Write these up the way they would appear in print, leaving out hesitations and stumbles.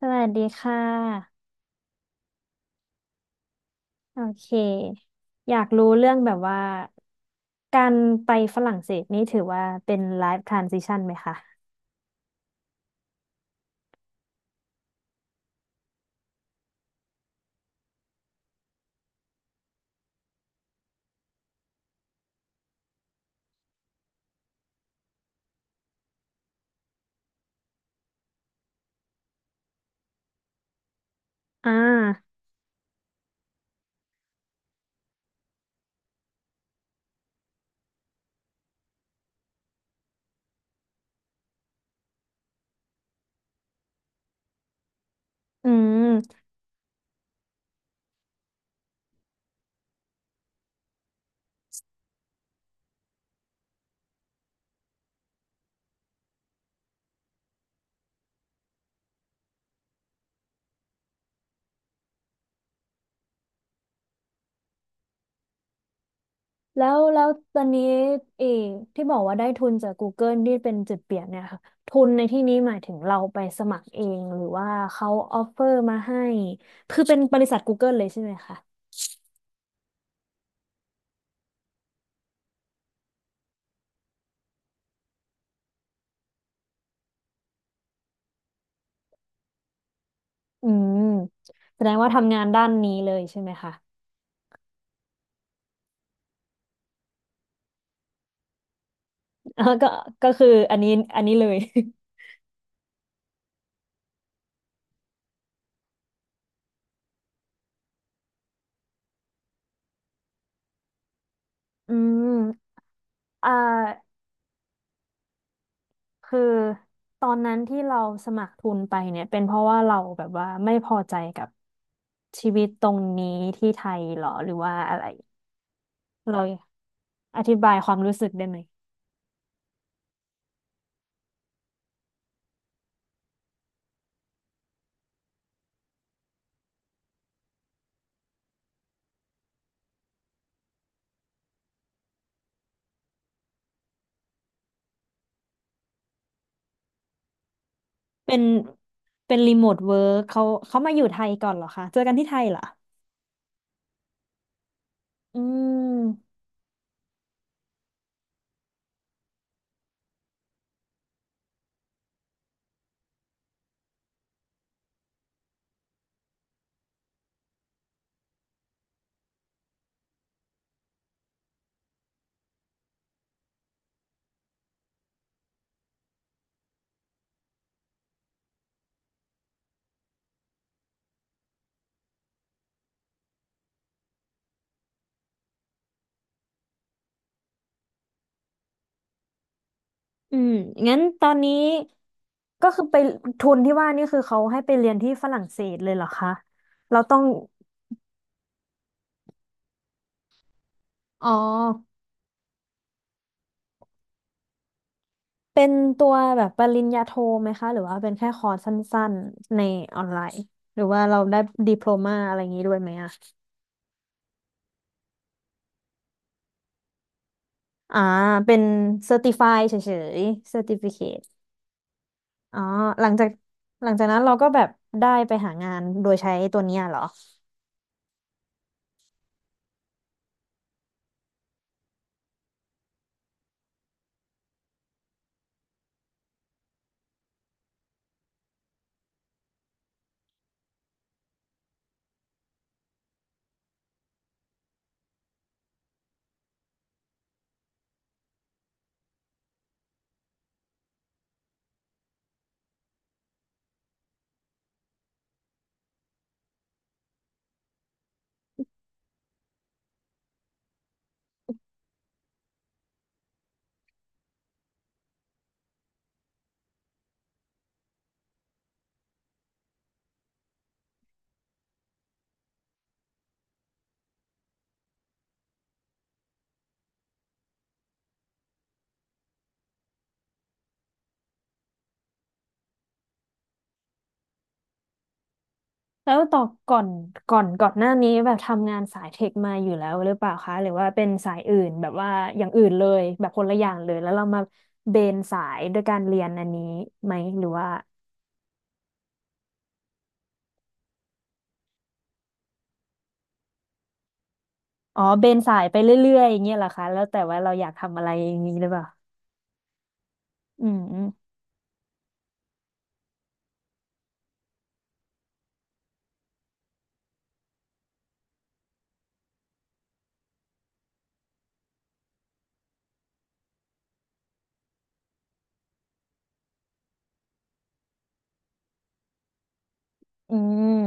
สวัสดีค่ะโอเคอยากรู้เรื่องแบบว่าการไปฝรั่งเศสนี่ถือว่าเป็นไลฟ์ทรานซิชันไหมคะอ่าอืมแล้วแล้วตอนนี้เออที่บอกว่าได้ทุนจาก Google ที่เป็นจุดเปลี่ยนเนี่ยค่ะทุนในที่นี้หมายถึงเราไปสมัครเองหรือว่าเขาออฟเฟอร์มาให้คือเป็นบริษัท Google เลยใช่ไหมคะอืมแสดงว่าทำงานด้านนี้เลยใช่ไหมคะแล้วก็ก็คืออันนี้อันนี้เลย อืม อ่าคือตอนนั้นที่เราสมัครทุนไปเนี่ยเป็นเพราะว่าเราแบบว่าไม่พอใจกับชีวิตตรงนี้ที่ไทยเหรอหรือว่าอะไรเราอธิบายความรู้สึกได้ไหมเป็นเป็นรีโมทเวิร์กเขาเขามาอยู่ไทยก่อนเหรอคะเจอกันที่ไทยเหรออืมอืมงั้นตอนนี้ก็คือไปทุนที่ว่านี่คือเขาให้ไปเรียนที่ฝรั่งเศสเลยเหรอคะเราต้องอ๋อ เป็นตัวแบบปริญญาโทไหมคะหรือว่าเป็นแค่คอร์สสั้นๆในออนไลน์หรือว่าเราได้ดิโพลมาอะไรอย่างนี้ด้วยไหมอะอ่าเป็นเซอร์ติฟายเฉยๆเซอร์ติฟิเคตอ๋อหลังจากหลังจากนั้นเราก็แบบได้ไปหางานโดยใช้ตัวเนี้ยเหรอแล้วต่อก่อนก่อนก่อนหน้านี้แบบทำงานสายเทคมาอยู่แล้วหรือเปล่าคะหรือว่าเป็นสายอื่นแบบว่าอย่างอื่นเลยแบบคนละอย่างเลยแล้วเรามาเบนสายด้วยการเรียนอันนี้ไหมหรือว่า อ๋อเบนสายไปเรื่อยๆอย่างเงี้ยเหรอคะแล้วแต่ว่าเราอยากทำอะไรอย่างนี้หรือเปล่าอืมอืมอืม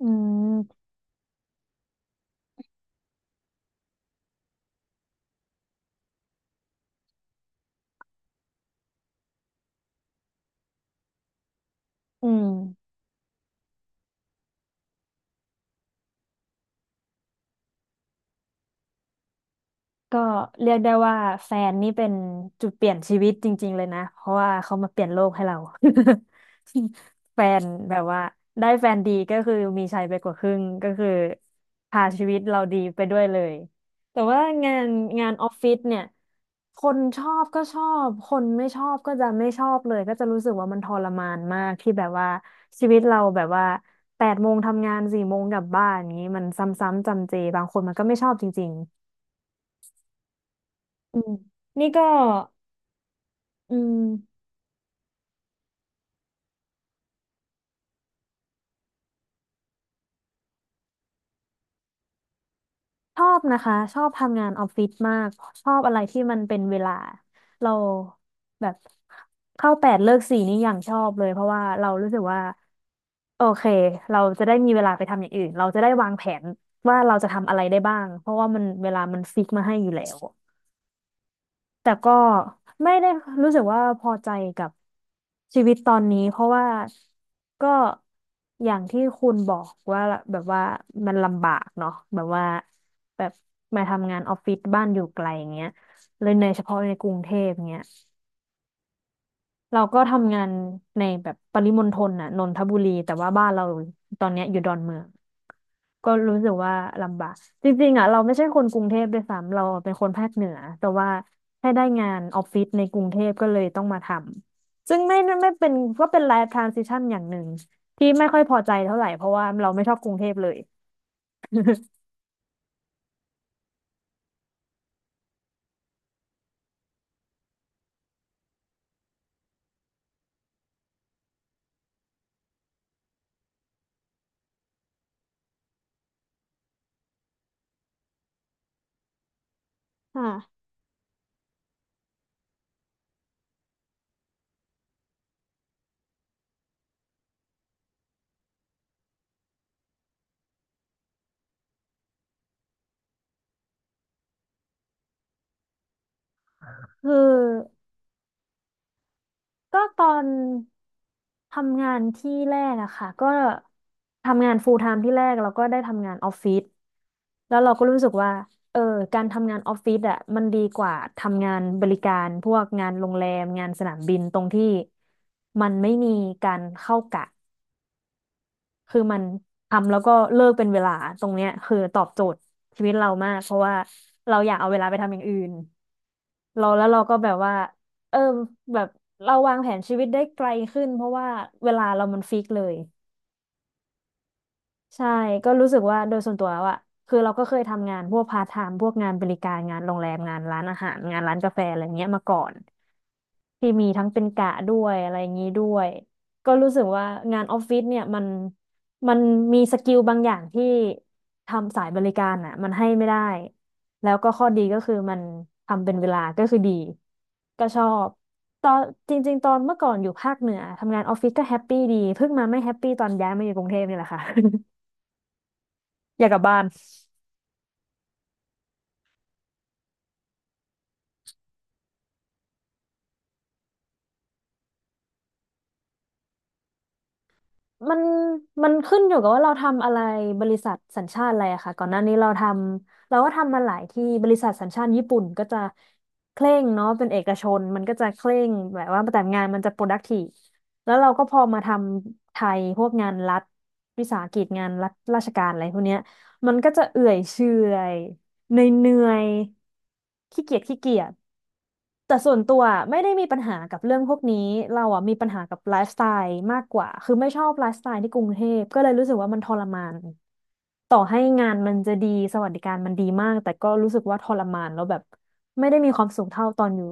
อืมอืม ก็เรียกได้ว่าแฟนนี่เป็นจุดเปลี่ยนชีวิตจริงๆเลยนะเพราะว่าเขามาเปลี่ยนโลกให้เรา แฟนแบบว่าได้แฟนดีก็คือมีชัยไปกว่าครึ่งก็คือพาชีวิตเราดีไปด้วยเลยแต่ว่างานงานออฟฟิศเนี่ยคนชอบก็ชอบคนไม่ชอบก็จะไม่ชอบเลยก็จะรู้สึกว่ามันทรมานมากที่แบบว่าชีวิตเราแบบว่า8 โมงทำงาน4 โมงกลับบ้านอย่างนี้มันซ้ำๆจำเจบางคนมันก็ไม่ชอบจริง อืมนี่ก็อืมชอบนะคะชอบทำงานออฟฟิศมากชอบอะไรที่มันเป็นเวลาเราแบบเข้าแปดเลิกสี่นี่อย่างชอบเลยเพราะว่าเรารู้สึกว่าโอเคเราจะได้มีเวลาไปทำอย่างอื่นเราจะได้วางแผนว่าเราจะทำอะไรได้บ้างเพราะว่ามันเวลามันฟิกมาให้อยู่แล้ว แต่ก็ไม่ได้รู้สึกว่าพอใจกับชีวิตตอนนี้เพราะว่าก็อย่างที่คุณบอกว่าแบบว่ามันลำบากเนาะแบบว่าแบบมาทำงานออฟฟิศบ้านอยู่ไกลอย่างเงี้ยเลยในเฉพาะในกรุงเทพเงี้ยเราก็ทำงานในแบบปริมณฑลน่ะนนทบุรีแต่ว่าบ้านเราตอนเนี้ยอยู่ดอนเมือง ก็รู้สึกว่าลำบากจริงๆอ่ะเราไม่ใช่คนกรุงเทพด้วยซ้ำเราเป็นคนภาคเหนือแต่ว่าให้ได้งานออฟฟิศในกรุงเทพก็เลยต้องมาทำซึ่งไม่ไม่เป็นก็เป็นไลฟ์ทรานซิชันอย่างหนึ่งที่ไม่ค่อยพอใจเท่าไหร่เพราะว่าเราไม่ชอบกรุงเทพเลยค่ะคือ ก็ตอนทำงานที่แรกอะค่ะก็ทำงาน full time ที่แรกแล้วก็ได้ทำงานออฟฟิศแล้วเราก็รู้สึกว่าเออการทำงานออฟฟิศอะมันดีกว่าทำงานบริการพวกงานโรงแรมงานสนามบินตรงที่มันไม่มีการเข้ากะ คือมันทำแล้วก็เลิกเป็นเวลาตรงเนี้ยคือตอบโจทย์ชีวิตเรามากเพราะว่าเราอยากเอาเวลาไปทำอย่างอื่นเราแล้วเราก็แบบว่าเออแบบเราวางแผนชีวิตได้ไกลขึ้นเพราะว่าเวลาเรามันฟิกเลยใช่ก็รู้สึกว่าโดยส่วนตัวแล้วอะคือเราก็เคยทำงานพวกพาร์ทไทม์พวกงานบริการงานโรงแรมงานร้านอาหารงานร้านกาแฟอะไรเงี้ยมาก่อน ที่มีทั้งเป็นกะด้วยอะไรอย่างนี้ด้วยก็รู้สึกว่างานออฟฟิศเนี่ยมันมันมีสกิลบางอย่างที่ทำสายบริการอ่ะมันให้ไม่ได้แล้วก็ข้อดีก็คือมันทำเป็นเวลาก็คือดีก็ชอบตอนจริงๆตอนเมื่อก่อนอยู่ภาคเหนือทำงานออฟฟิศก็แฮปปี้ดีเพิ่งมาไม่แฮปปี้ตอนย้ายมาอยู่กรุงเทพนี่แหละค่ะ อยากกลับบ้าน มันมันขึ้นอยู่กับว่าเราทำอะไรบริษัทสัญชาติอะไรอะค่ะก่อนหน้านี้เราก็ทำมาหลายที่บริษัทสัญชาติญี่ปุ่นก็จะเคร่งเนาะเป็นเอกชนมันก็จะเคร่งแบบว่าแต่งานมันจะ productive แล้วเราก็พอมาทำไทยพวกงานรัฐวิสาหกิจงานรัฐราชการอะไรพวกเนี้ยมันก็จะเอื่อยเฉื่อยเหนื่อยๆขี้เกียจขี้เกียจ แต่ส่วนตัวอะไม่ได้มีปัญหากับเรื่องพวกนี้เราอ่ะมีปัญหากับไลฟ์สไตล์มากกว่าคือไม่ชอบไลฟ์สไตล์ที่กรุงเทพก็เลยรู้สึกว่ามันทรมานต่อให้งานมันจะดีสวัสดิการมันดีมากแต่ก็รู้สึกว่าทรมานแล้วแบบไม่ได้มีความสุขเท่าตอนอยู่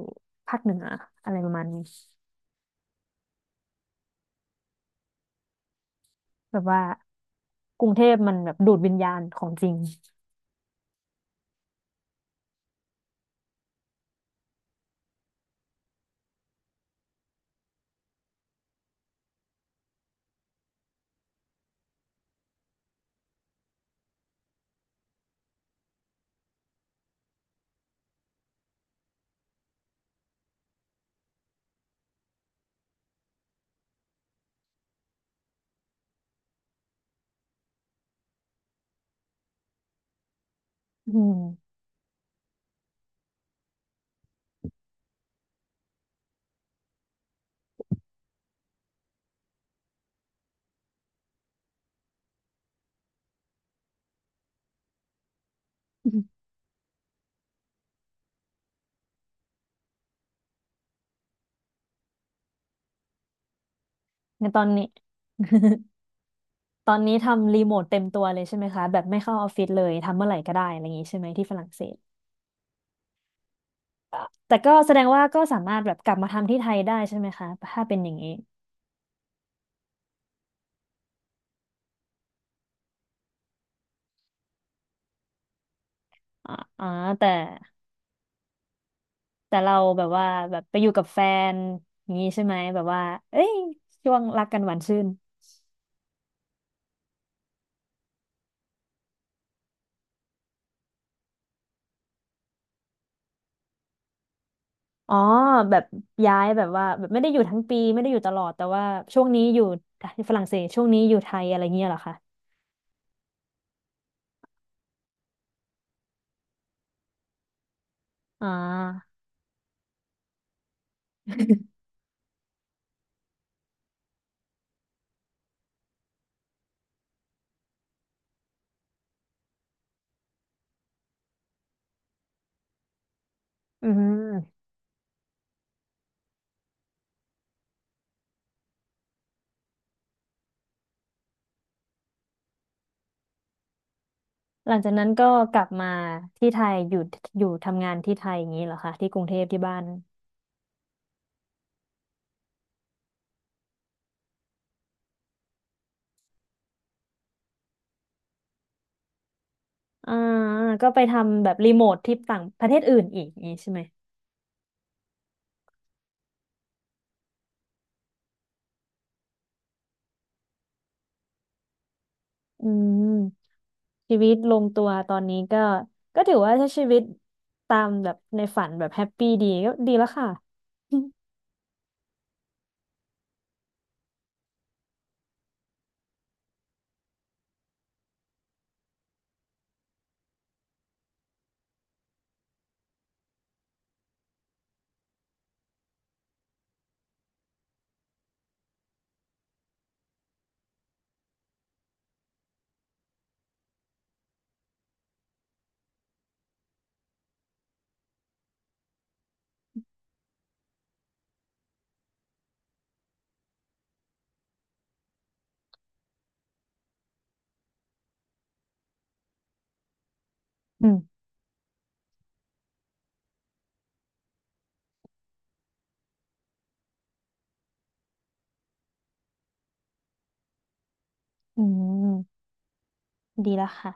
ภาคเหนืออะไรประมาณนี้แบบว่ากรุงเทพมันแบบดูดวิญญาณของจริง อืมในตอนนี้ ตอนนี้ทำรีโมทเต็มตัวเลยใช่ไหมคะแบบไม่เข้าออฟฟิศเลยทำเมื่อไหร่ก็ได้อะไรอย่างนี้ใช่ไหมที่ฝรั่งเศส แต่ก็แสดงว่าก็สามารถแบบกลับมาทำที่ไทยได้ใช่ไหมคะถ้าเป็นอย่างนี้อ๋ออ๋อแต่แต่เราแบบว่าแบบไปอยู่กับแฟนอย่างนี้ใช่ไหมแบบว่าเอ้ยช่วงรักกันหวานชื่นอ๋อแบบย้ายแบบว่าแบบไม่ได้อยู่ทั้งปีไม่ได้อยู่ตลอดแต่ว่าช่วงนี้อยู่ฝรั่งเศสช่วงนี้อยู่ไทยอะไรเงี้ยเหรอคะอ๋ออืมหลังจากนั้นก็กลับมาที่ไทยอยู่ทำงานที่ไทยอย่างนี้เหรอคะที่กรุงเทพที่บ้าน อ่าก็ไปทำแบบรีโมทที่ต่างประเทศอื่นอีกอย่างนี้ใช่ไหมอืมชีวิตลงตัวตอนนี้ก็ก็ถือว่าใช้ชีวิตตามแบบในฝันแบบแฮปปี้ดีก็ดีแล้วค่ะ อืมอืมดีแล้วค่ะ